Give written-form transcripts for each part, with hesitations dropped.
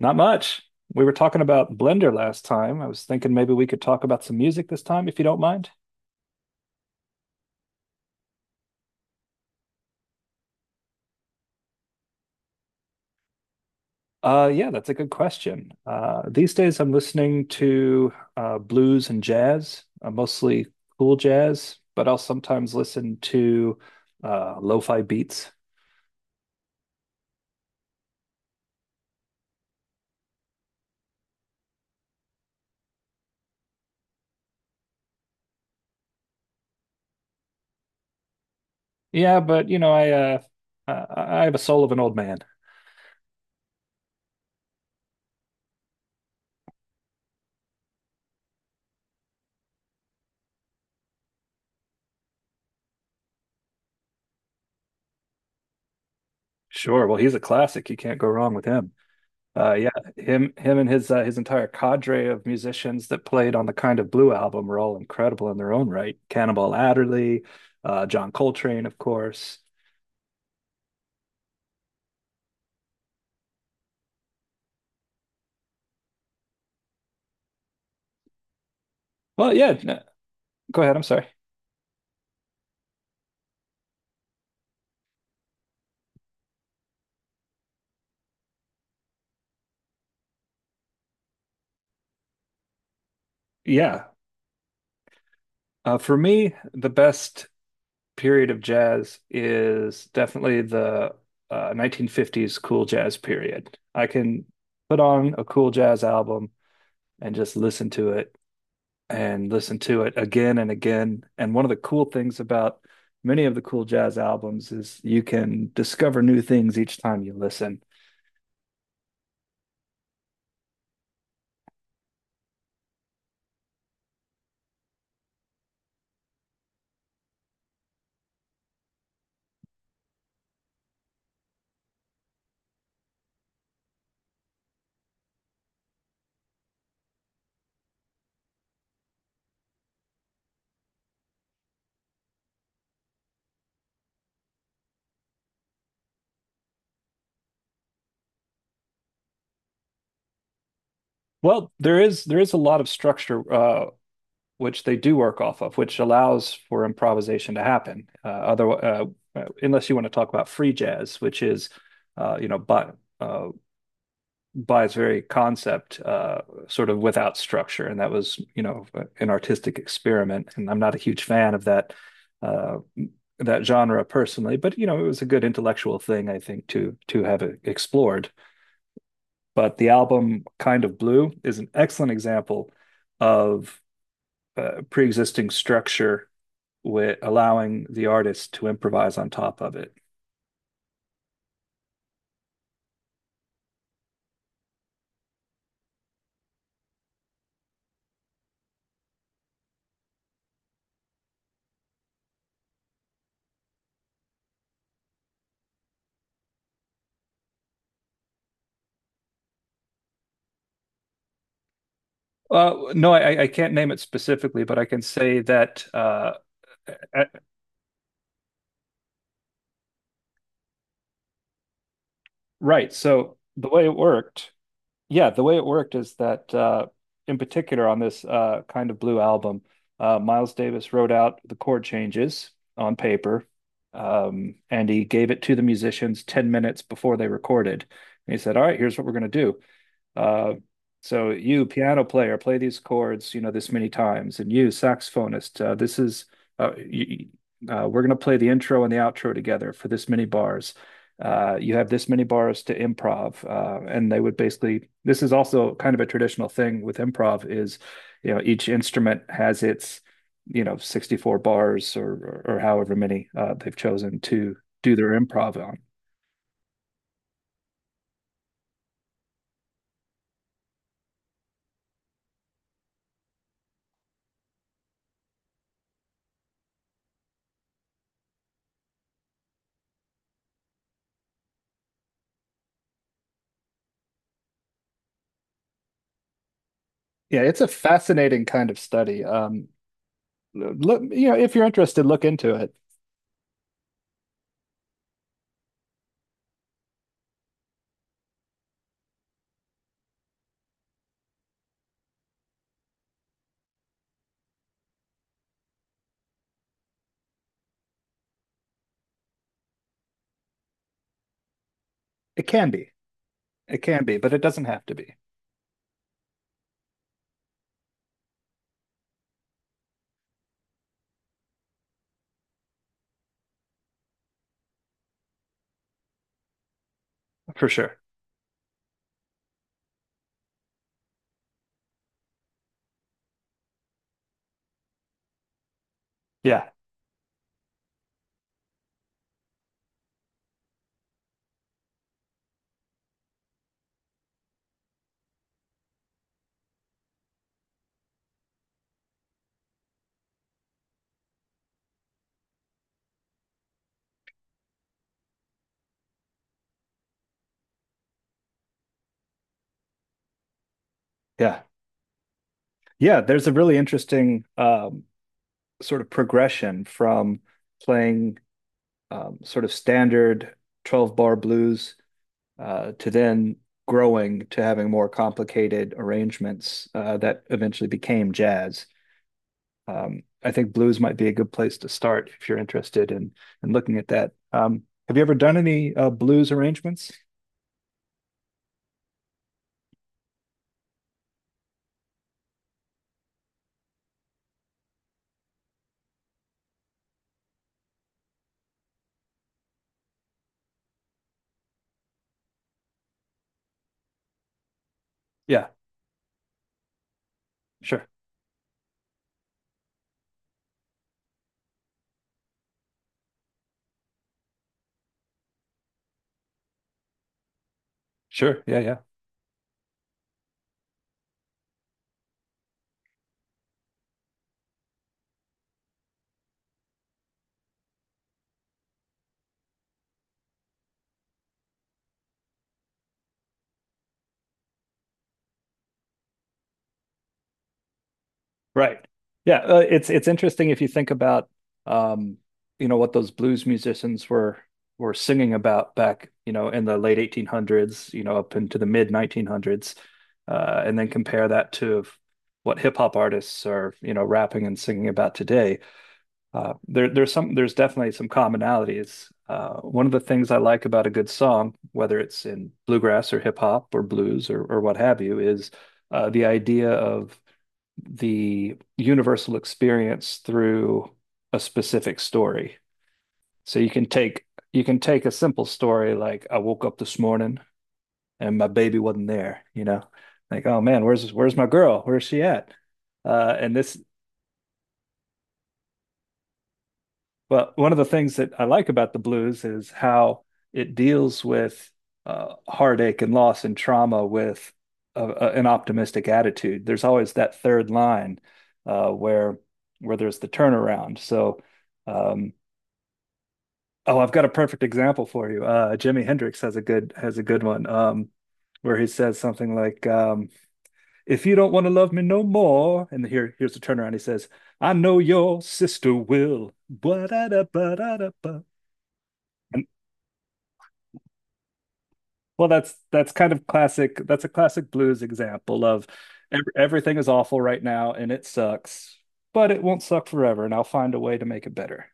Not much. We were talking about Blender last time. I was thinking maybe we could talk about some music this time, if you don't mind. Yeah, that's a good question. These days I'm listening to blues and jazz, mostly cool jazz, but I'll sometimes listen to lo-fi beats. Yeah, but you know, I have a soul of an old man. Sure. Well, he's a classic. You can't go wrong with him. Uh, yeah, him, and his entire cadre of musicians that played on the Kind of Blue album were all incredible in their own right. Cannonball Adderley, John Coltrane, of course. Well, yeah, no, go ahead. I'm sorry. Yeah, for me, the best period of jazz is definitely the 1950s cool jazz period. I can put on a cool jazz album and just listen to it and listen to it again and again. And one of the cool things about many of the cool jazz albums is you can discover new things each time you listen. Well, there is a lot of structure which they do work off of, which allows for improvisation to happen. Other Unless you want to talk about free jazz, which is you know uh, by its very concept, sort of without structure, and that was, you know, an artistic experiment. And I'm not a huge fan of uh, that genre personally, but you know, it was a good intellectual thing, I think, to have it explored. But the album Kind of Blue is an excellent example of pre-existing structure with allowing the artist to improvise on top of it. No, I can't name it specifically, but I can say that Right. So the way it worked, yeah, the way it worked is that in particular on this kind of blue album, Miles Davis wrote out the chord changes on paper, and he gave it to the musicians 10 minutes before they recorded. And he said, All right, here's what we're going to do. Uh, so you, piano player, play these chords, you know, this many times, and you, saxophonist, this is uh, you, we're going to play the intro and the outro together for this many bars. You have this many bars to improv, and they would basically. This is also kind of a traditional thing with improv is, you know, each instrument has its, you know, 64 bars or however many they've chosen to do their improv on. Yeah, it's a fascinating kind of study. Look, you know, if you're interested, look into it. It can be. It can be, but it doesn't have to be for sure. Yeah. Yeah. Yeah. There's a really interesting sort of progression from playing sort of standard 12 bar blues to then growing to having more complicated arrangements that eventually became jazz. I think blues might be a good place to start if you're interested in looking at that. Have you ever done any blues arrangements? Yeah. Sure. Sure. Yeah, yeah. Right. It's interesting if you think about um, you know, what those blues musicians were singing about back, you know, in the late 1800s, you know, up into the mid 1900s, and then compare that to what hip hop artists are, you know, rapping and singing about today. There's definitely some commonalities. One of the things I like about a good song, whether it's in bluegrass or hip hop or blues or what have you, is the idea of the universal experience through a specific story. So you can take a simple story like I woke up this morning and my baby wasn't there, you know. Like, oh man, where's my girl? Where's she at? And this Well, one of the things that I like about the blues is how it deals with heartache and loss and trauma with an optimistic attitude. There's always that third line uh, where where there's the turnaround. So, um, oh, I've got a perfect example for you. Jimi Hendrix has a good one where he says something like, "If you don't want to love me no more," and here's the turnaround. He says, "I know your sister will." Ba-da-da, ba-da-da, ba. Well, that's kind of classic. That's a classic blues example of ev everything is awful right now and it sucks, but it won't suck forever, and I'll find a way to make it better.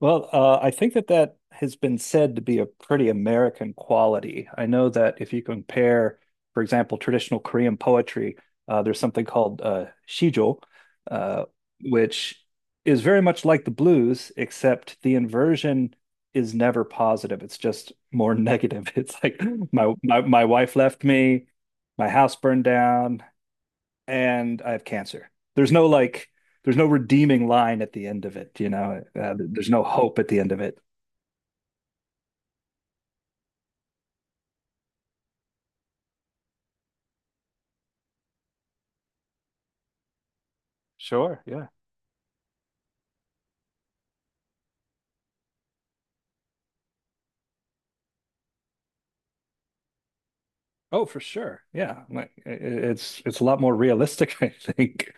Well, I think that has been said to be a pretty American quality. I know that if you compare, for example, traditional Korean poetry, there's something called shijo, uh, which is very much like the blues, except the inversion is never positive. It's just more negative. It's like my wife left me, my house burned down, and I have cancer. There's no like, there's no redeeming line at the end of it. You know, there's no hope at the end of it. Sure. Yeah. Oh, for sure. Yeah, like it's a lot more realistic, I think,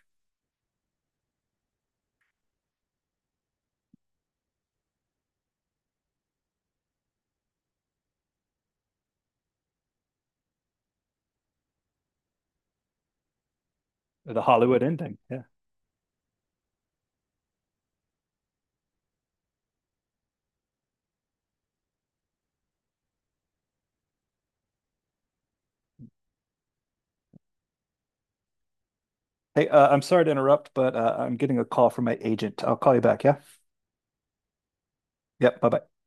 the Hollywood ending. Yeah. Hey, I'm sorry to interrupt, but I'm getting a call from my agent. I'll call you back. Yeah. Yep. Bye bye.